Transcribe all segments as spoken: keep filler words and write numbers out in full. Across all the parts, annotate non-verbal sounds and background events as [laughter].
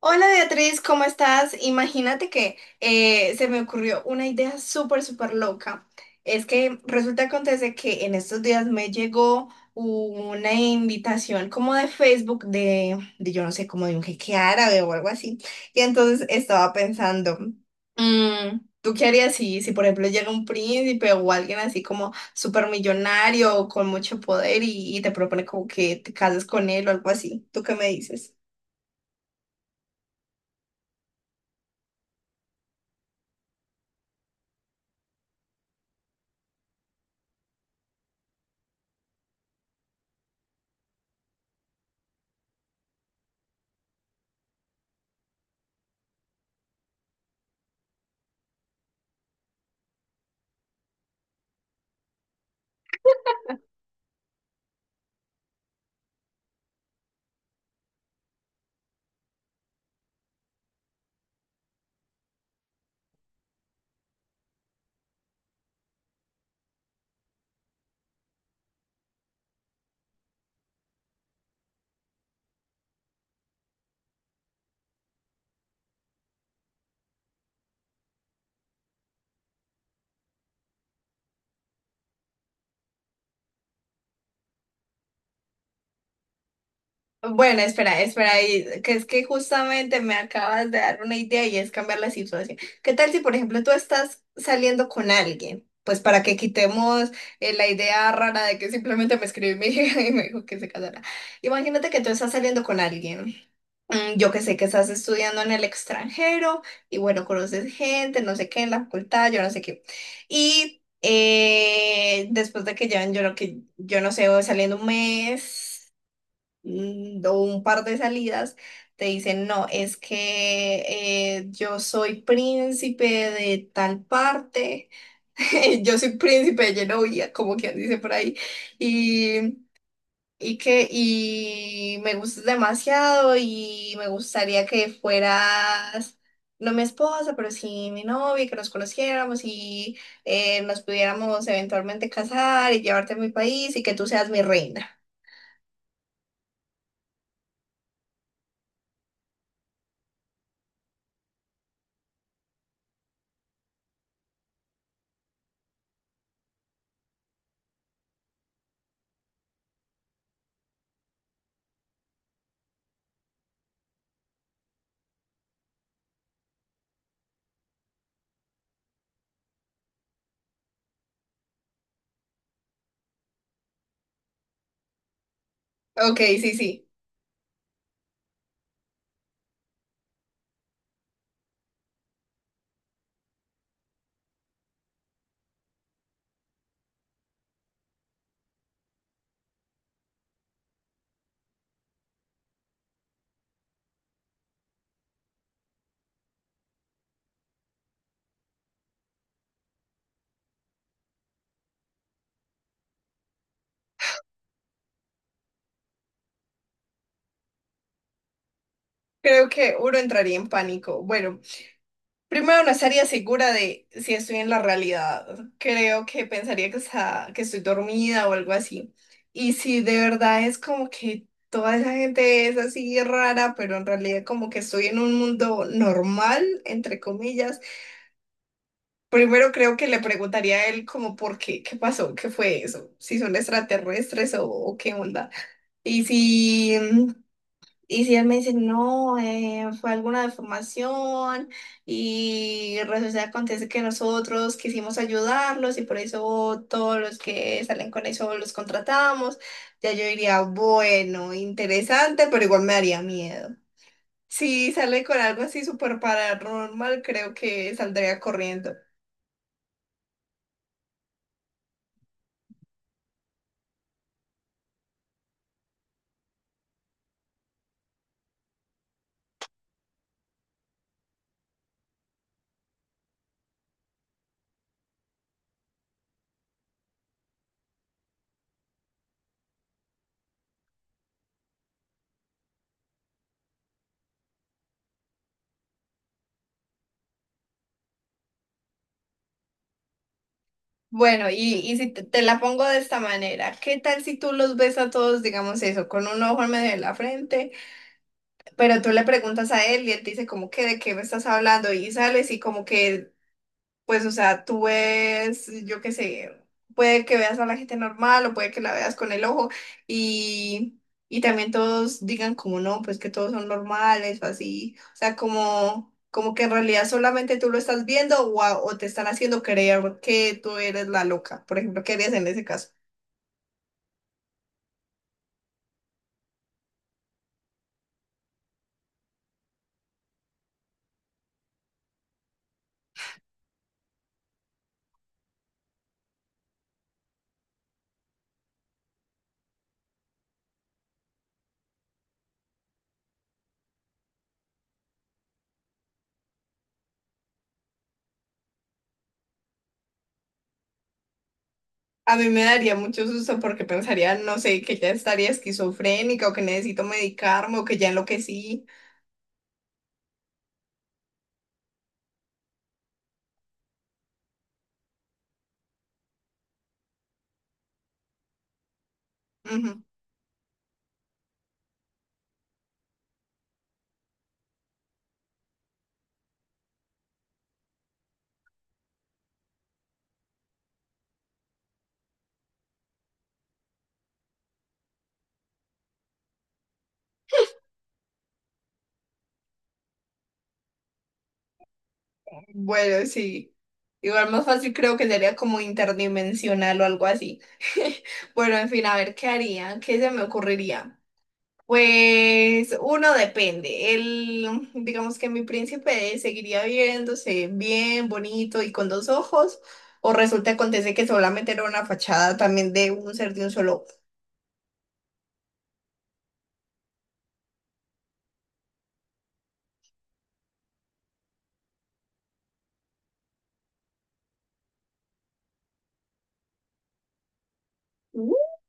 Hola Beatriz, ¿cómo estás? Imagínate que eh, se me ocurrió una idea súper, súper loca. Es que resulta acontece que en estos días me llegó una invitación como de Facebook de, de yo no sé, como de un jeque árabe o algo así. Y entonces estaba pensando, mm, ¿tú qué harías si, si por ejemplo llega un príncipe o alguien así como súper millonario o con mucho poder y, y te propone como que te cases con él o algo así? ¿Tú qué me dices? Bueno, espera, espera, ahí, que es que justamente me acabas de dar una idea y es cambiar la situación. ¿Qué tal si, por ejemplo, tú estás saliendo con alguien? Pues para que quitemos eh, la idea rara de que simplemente me escribió mi hija [laughs] y me dijo que se casara. Imagínate que tú estás saliendo con alguien. mm, Yo que sé que estás estudiando en el extranjero y bueno, conoces gente, no sé qué, en la facultad, yo no sé qué. Y eh, después de que llevan, yo, no- que, yo no sé, saliendo un mes mm, o un par de salidas, te dicen, no, es que eh, yo soy príncipe de tal parte, [laughs] yo soy príncipe de Genovia, como quien dice por ahí, y, y que y me gustas demasiado y me gustaría que fueras... No mi esposa, pero sí mi novia, que nos conociéramos y eh, nos pudiéramos eventualmente casar y llevarte a mi país y que tú seas mi reina. Ok, sí, sí. Creo que uno entraría en pánico. Bueno, primero, no estaría segura de si estoy en la realidad. Creo que pensaría que, está, que estoy dormida o algo así. Y si de verdad es como que toda esa gente es así rara, pero en realidad como que estoy en un mundo normal, entre comillas, primero creo que le preguntaría a él como por qué, qué pasó, qué fue eso, si son extraterrestres o, o qué onda. Y si... Y si él me dice, no, eh, fue alguna deformación y resulta que acontece que nosotros quisimos ayudarlos y por eso todos los que salen con eso los contratamos, ya yo diría, bueno, interesante, pero igual me daría miedo. Si sale con algo así súper paranormal, creo que saldría corriendo. Bueno, y, y si te, te la pongo de esta manera, ¿qué tal si tú los ves a todos, digamos eso, con un ojo en medio de la frente? Pero tú le preguntas a él y él te dice como que de qué me estás hablando y sales y como que, pues, o sea, tú ves, yo qué sé, puede que veas a la gente normal o puede que la veas con el ojo y, y también todos digan como no, pues que todos son normales o así, o sea, como, como que en realidad solamente tú lo estás viendo o, a- o te están haciendo creer que tú eres la loca, por ejemplo, ¿qué harías en ese caso? A mí me daría mucho susto porque pensaría, no sé, que ya estaría esquizofrénica o que necesito medicarme o que ya enloquecí. Ujú. Bueno, sí. Igual más fácil creo que sería como interdimensional o algo así. [laughs] Bueno, en fin, a ver, ¿qué haría? ¿Qué se me ocurriría? Pues uno depende. El, digamos que mi príncipe seguiría viéndose bien, bonito y con dos ojos, o resulta acontece que solamente era una fachada también de un ser de un solo.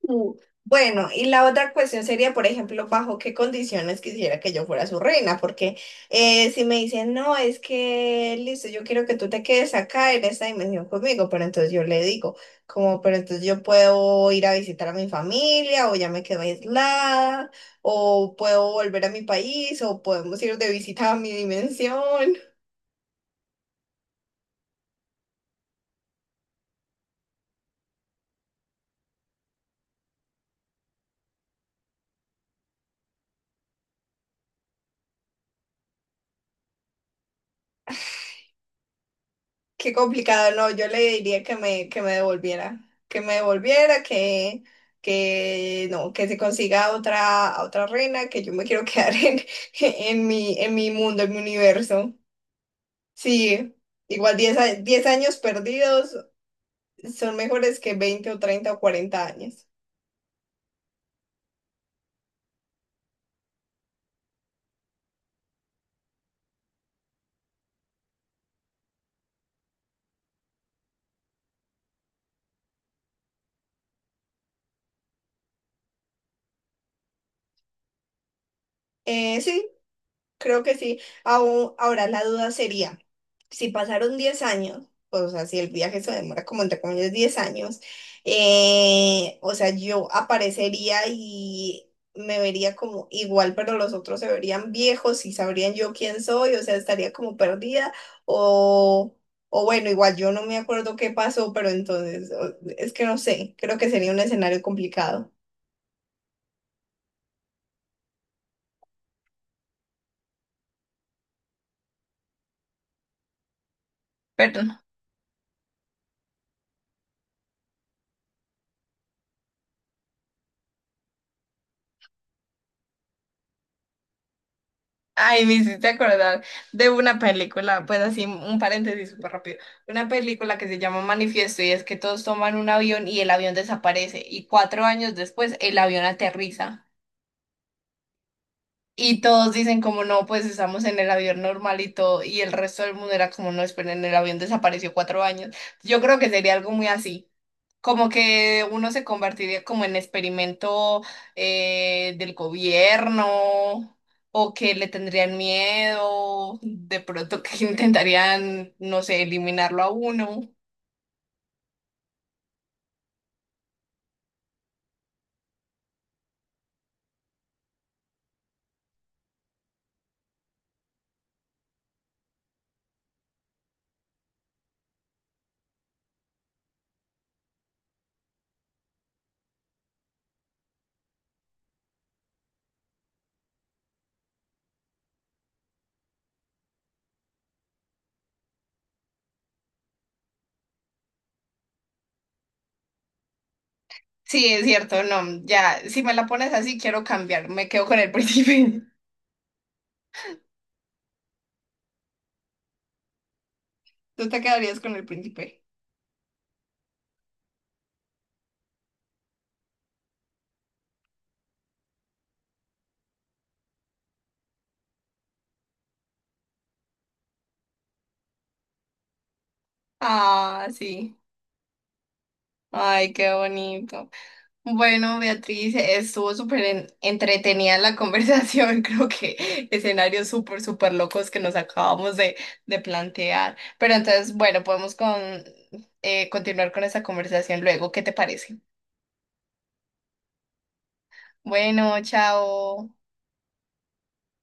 Uh, Bueno, y la otra cuestión sería, por ejemplo, bajo qué condiciones quisiera que yo fuera su reina, porque eh, si me dicen, no, es que, listo, yo quiero que tú te quedes acá en esta dimensión conmigo, pero entonces yo le digo, como, pero entonces yo puedo ir a visitar a mi familia, o ya me quedo aislada, o puedo volver a mi país, o podemos ir de visita a mi dimensión. Qué complicado, no, yo le diría que me, que me devolviera, que me devolviera, que, que no, que se consiga otra, otra reina, que yo me quiero quedar en, [laughs] en mi, en mi mundo, en mi universo. Sí, igual diez a- diez años perdidos son mejores que veinte o treinta o cuarenta años. Eh, sí, creo que sí. Aún- ahora la duda sería... si pasaron diez años, pues, o sea, si el viaje se demora como entre comillas diez años, eh, o sea, yo aparecería y me vería como igual, pero los otros se verían viejos y sabrían yo quién soy, o sea, estaría como perdida o... O bueno, igual yo no me acuerdo qué pasó, pero entonces o- es que no sé, creo que sería un escenario complicado. Perdón. Ay, me hiciste acordar de una película, pues así un paréntesis súper rápido, una película que se llama Manifiesto y es que todos toman un avión y el avión desaparece y cuatro años después el avión aterriza. Y todos dicen como no, pues estamos en el avión normal y todo, y el resto del mundo era como no, esperen, el avión desapareció cuatro años. Yo creo que sería algo muy así, como que uno se convertiría como en experimento eh, del gobierno o que le tendrían miedo, de pronto que [laughs] intentarían, no sé, eliminarlo a uno. Sí, es cierto, no, ya, si me la pones así, quiero cambiar, me quedo con el príncipe. [laughs] ¿Tú te quedarías con el príncipe? Ah, sí. Ay, qué bonito. Bueno, Beatriz, estuvo súper en- entretenida la conversación. [laughs] Creo que escenarios súper, súper locos que nos acabamos de, de plantear. Pero entonces, bueno, podemos con, eh, continuar con esta conversación luego. ¿Qué te parece? Bueno, chao.